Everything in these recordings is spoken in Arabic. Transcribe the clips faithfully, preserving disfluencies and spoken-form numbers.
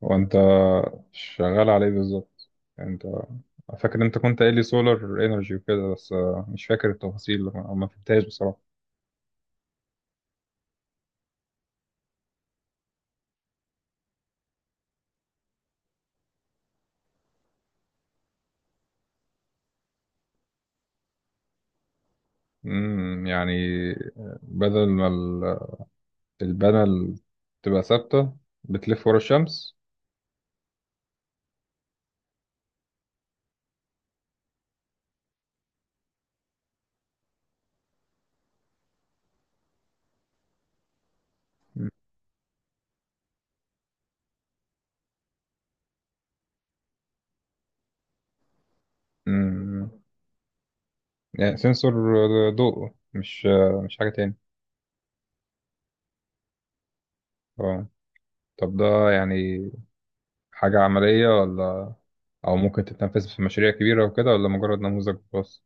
وانت شغال عليه بالظبط. يعني انت فاكر انت كنت قايل لي سولار انرجي وكده؟ بس آه، مش فاكر التفاصيل او ما فهمتهاش بصراحه. امم يعني بدل ما ال- البانل تبقى ثابته، بتلف ورا الشمس. امم يعني سنسور ضوء، مش آه، مش حاجه تاني. اه، طب ده يعني حاجه عمليه، ولا او ممكن تتنفذ في مشاريع كبيره وكده، ولا مجرد نموذج بس؟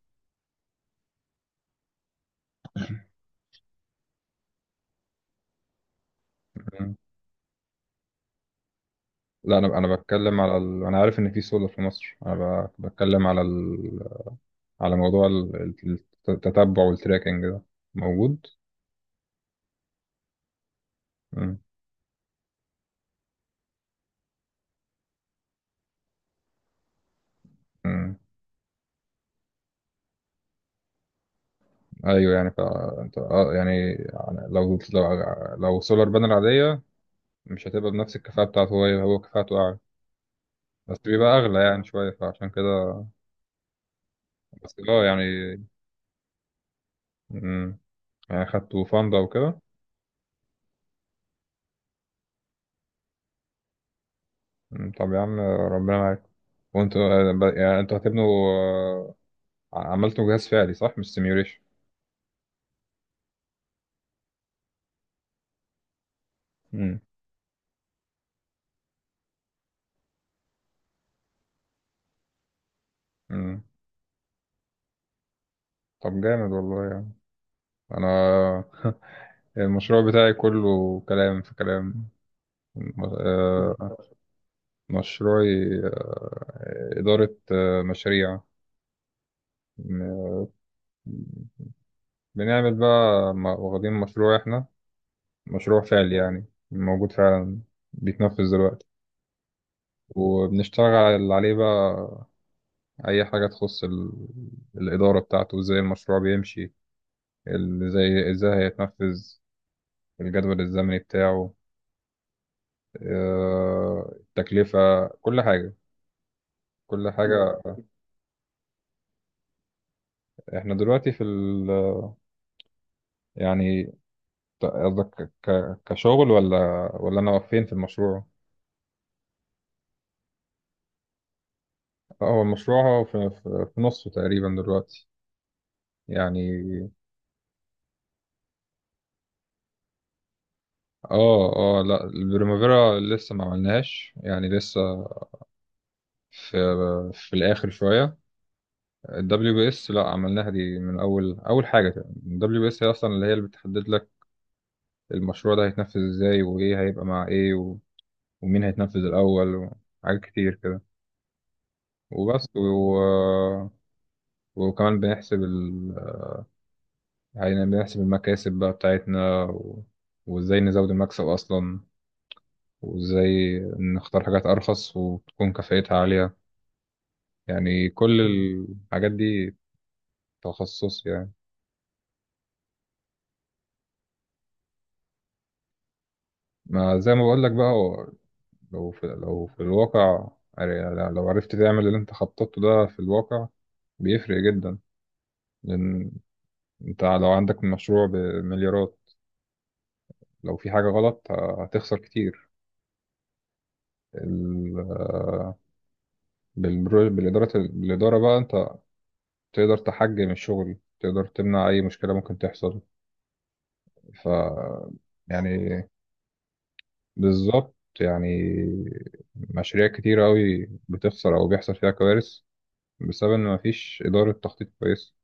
لا، انا انا بتكلم على ال... انا عارف ان في سولار في مصر. انا ب... بتكلم على ال... على موضوع ال- ال- التتبع والتراكنج ده موجود. مم. مم. ايوه يعني. فانت اه يعني يعني لو لو لو سولار بانل عاديه، مش هتبقى بنفس الكفاءه بتاعته. هو هو كفاءته اعلى بس بيبقى اغلى يعني شويه، فعشان كده. بس اه يعني. مم. يعني خدتوا فاندا وكده. مم. طب يا عم ربنا معاك. وانتوا يعني انتوا هتبنوا، آه، عملتوا جهاز فعلي صح؟ مش سيميوليشن. مم. مم. طب جامد والله يعني. انا المشروع بتاعي كله كلام في كلام. م- آه، مشروعي آه، إدارة آه، مشاريع. م- بنعمل بقى، م- واخدين مشروع، احنا مشروع فعلي يعني، موجود فعلا، بيتنفذ دلوقتي. وبنشتغل عليه بقى أي حاجة تخص ال... الإدارة بتاعته، ازاي المشروع بيمشي، ال- ازاي ازاي هيتنفذ، الجدول الزمني بتاعه، آه، التكلفة، كل حاجة، كل حاجة. احنا دلوقتي في ال، يعني ت- قصدك ك- كشغل، ولا ولا انا فين في المشروع؟ اه، هو المشروع، هو في, في, في نصه تقريبا دلوقتي يعني. اه، اه، لا، البريمافيرا لسه ما عملناهاش يعني، لسه في في الاخر شويه. الدبليو بي اس لا عملناها، دي من اول اول حاجه. الدبليو بي اس هي اصلا اللي هي اللي بتحدد لك المشروع ده هيتنفذ ازاي، وايه هيبقى مع ايه، ومين هيتنفذ الأول، وحاجات كتير كده. وبس و... وكمان بنحسب ال... يعني بنحسب المكاسب بقى بتاعتنا، و... وإزاي نزود المكسب أصلا، وإزاي نختار حاجات أرخص وتكون كفاءتها عالية. يعني كل الحاجات دي تخصص يعني. ما زي ما بقولك بقى، هو لو في... لو في الواقع، يعني لو عرفت تعمل اللي انت خططته ده في الواقع، بيفرق جدا. لأن انت لو عندك مشروع بمليارات، لو في حاجة غلط هتخسر كتير. ال- بالبرو- بالإدارة بالإدارة بقى أنت تقدر تحجم الشغل، تقدر تمنع أي مشكلة ممكن تحصل. ف يعني بالظبط، يعني مشاريع كتير أوي بتخسر أو بيحصل فيها كوارث، بسبب إن مفيش إدارة تخطيط كويس.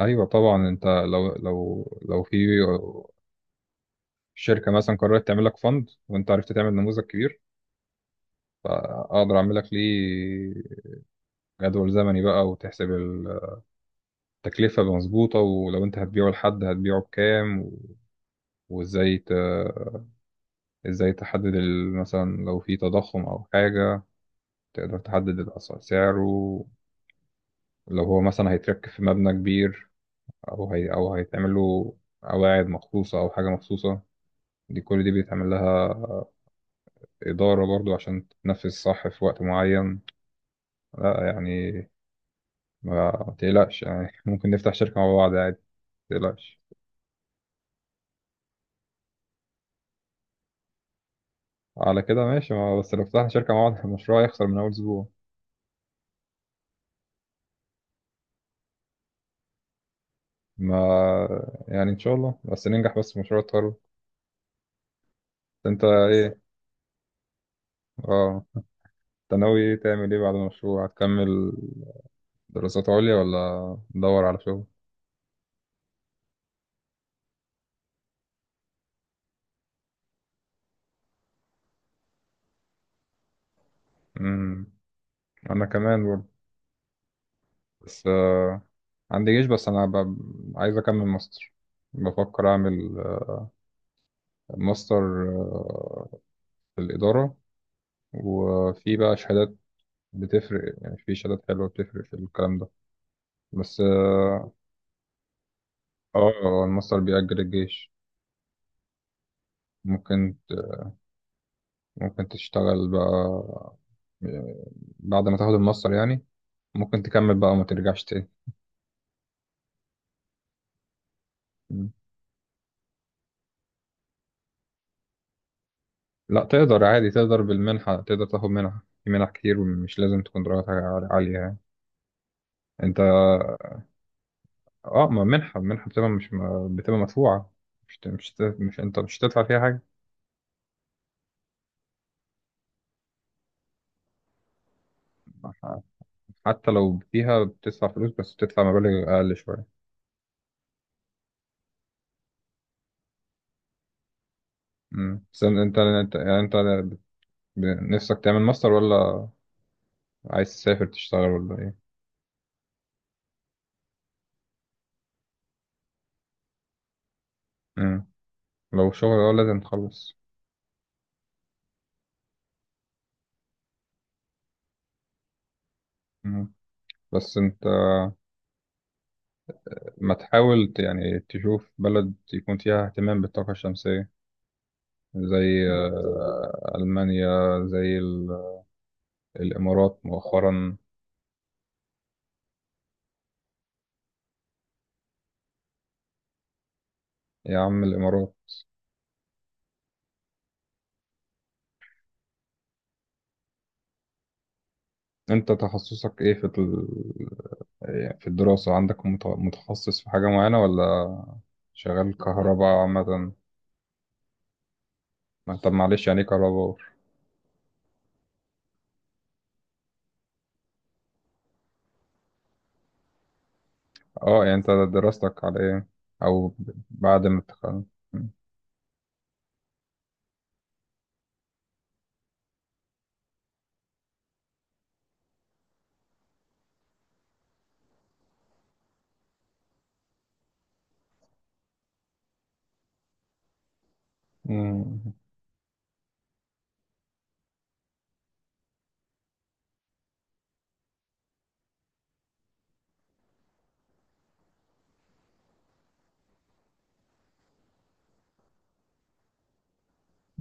أيوة طبعا، أنت لو لو لو في شركة مثلا قررت تعمل لك فند، وأنت عرفت تعمل نموذج كبير، أقدر أعمل لك ليه جدول زمني بقى، وتحسب تكلفة مظبوطة. ولو انت هتبيعه لحد، هتبيعه بكام؟ و- وازاي ت... ازاي تحدد ال... مثلا لو في تضخم او حاجة، تقدر تحدد الأسعار. سعره لو هو مثلا هيتركب في مبنى كبير، او هي... او هيتعمل له قواعد مخصوصة او حاجة مخصوصة، دي كل دي بيتعمل لها إدارة برضو عشان تتنفذ صح في وقت معين. لا يعني، ما تقلقش يعني ممكن نفتح شركة مع بعض عادي، ما تقلقش. على كده ماشي. ما بس لو فتحنا شركة مع بعض المشروع هيخسر من أول أسبوع. ما يعني، ان شاء الله بس ننجح بس في مشروع التخرج. انت ايه، اه انت ناوي تعمل ايه بعد المشروع؟ هتكمل دراسات عليا ولا تدور على شغل؟ امم انا كمان برضه. بس آه، عندي جيش، بس انا ب... عايز اكمل ماستر. بفكر اعمل آه، ماستر آه، في الاداره. وفي بقى شهادات بتفرق يعني، في شهادات حلوه بتفرق في الكلام ده. بس اه. آه، الماستر بيأجل الجيش. ممكن ممكن تشتغل بقى بعد ما تاخد الماستر يعني، ممكن تكمل بقى وما ترجعش تاني. مم. لا، تقدر عادي، تقدر بالمنحة، تقدر تاخد منحة. في منح كتير ومش لازم تكون درجاتها عال- عالية يعني. انت اه، ما منحة منحة بتبقى، مش م- بتبقى مدفوعة. مش ت- مش ت- مش انت مش هتدفع فيها حاجة. ح- حتى لو فيها بتدفع فلوس، بس بتدفع مبالغ أقل شوية. مم. بس انت انت انت يعني انت ب- نفسك تعمل ماستر، ولا عايز تسافر تشتغل، ولا ايه؟ مم. لو شغل اه لازم تخلص. بس انت ما تحاول ت- يعني تشوف بلد يكون فيها اهتمام بالطاقة الشمسية، زي آه، ألمانيا، زي ال- الإمارات مؤخرا. يا عم الإمارات. انت تخصصك ايه في ال... يعني في الدراسة، عندك مت- متخصص في حاجة معينة، ولا شغال كهرباء عامة؟ ما- طب معلش، يعني ايه كهرباء؟ اه، يعني انت دراستك على ايه؟ او بعد ما تخلص. مم. مم.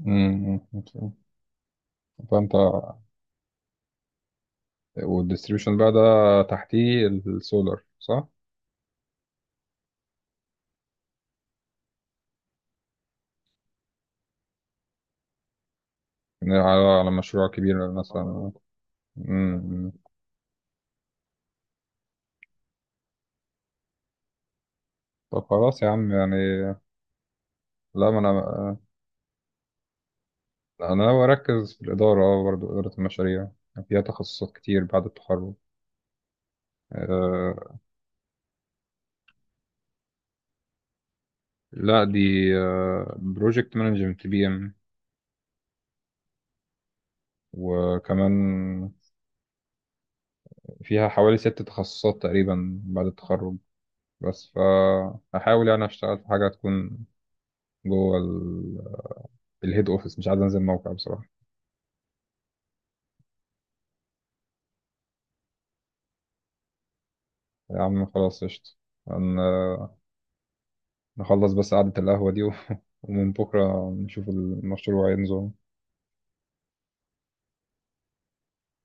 مم. فانت، والديستريبيوشن بقى ده تحتيه السولار صح؟ يعني على على مشروع كبير مثلا. امم. طب خلاص يا عم يعني. لا ما انا، آه، انا ناوي اركز في الاداره. آه، برضه اداره المشاريع فيها تخصصات كتير بعد التخرج. أه، لا دي بروجكت مانجمنت، بي ام. وكمان فيها حوالي ست تخصصات تقريبا بعد التخرج. بس فأحاول يعني أشتغل في حاجة تكون جوه ال- الهيد أوفيس، مش عايز أنزل موقع بصراحة. يا عم خلاص قشطة، هن- نخلص بس قعدة القهوة دي، و- ومن بكرة نشوف المشروع هينزل.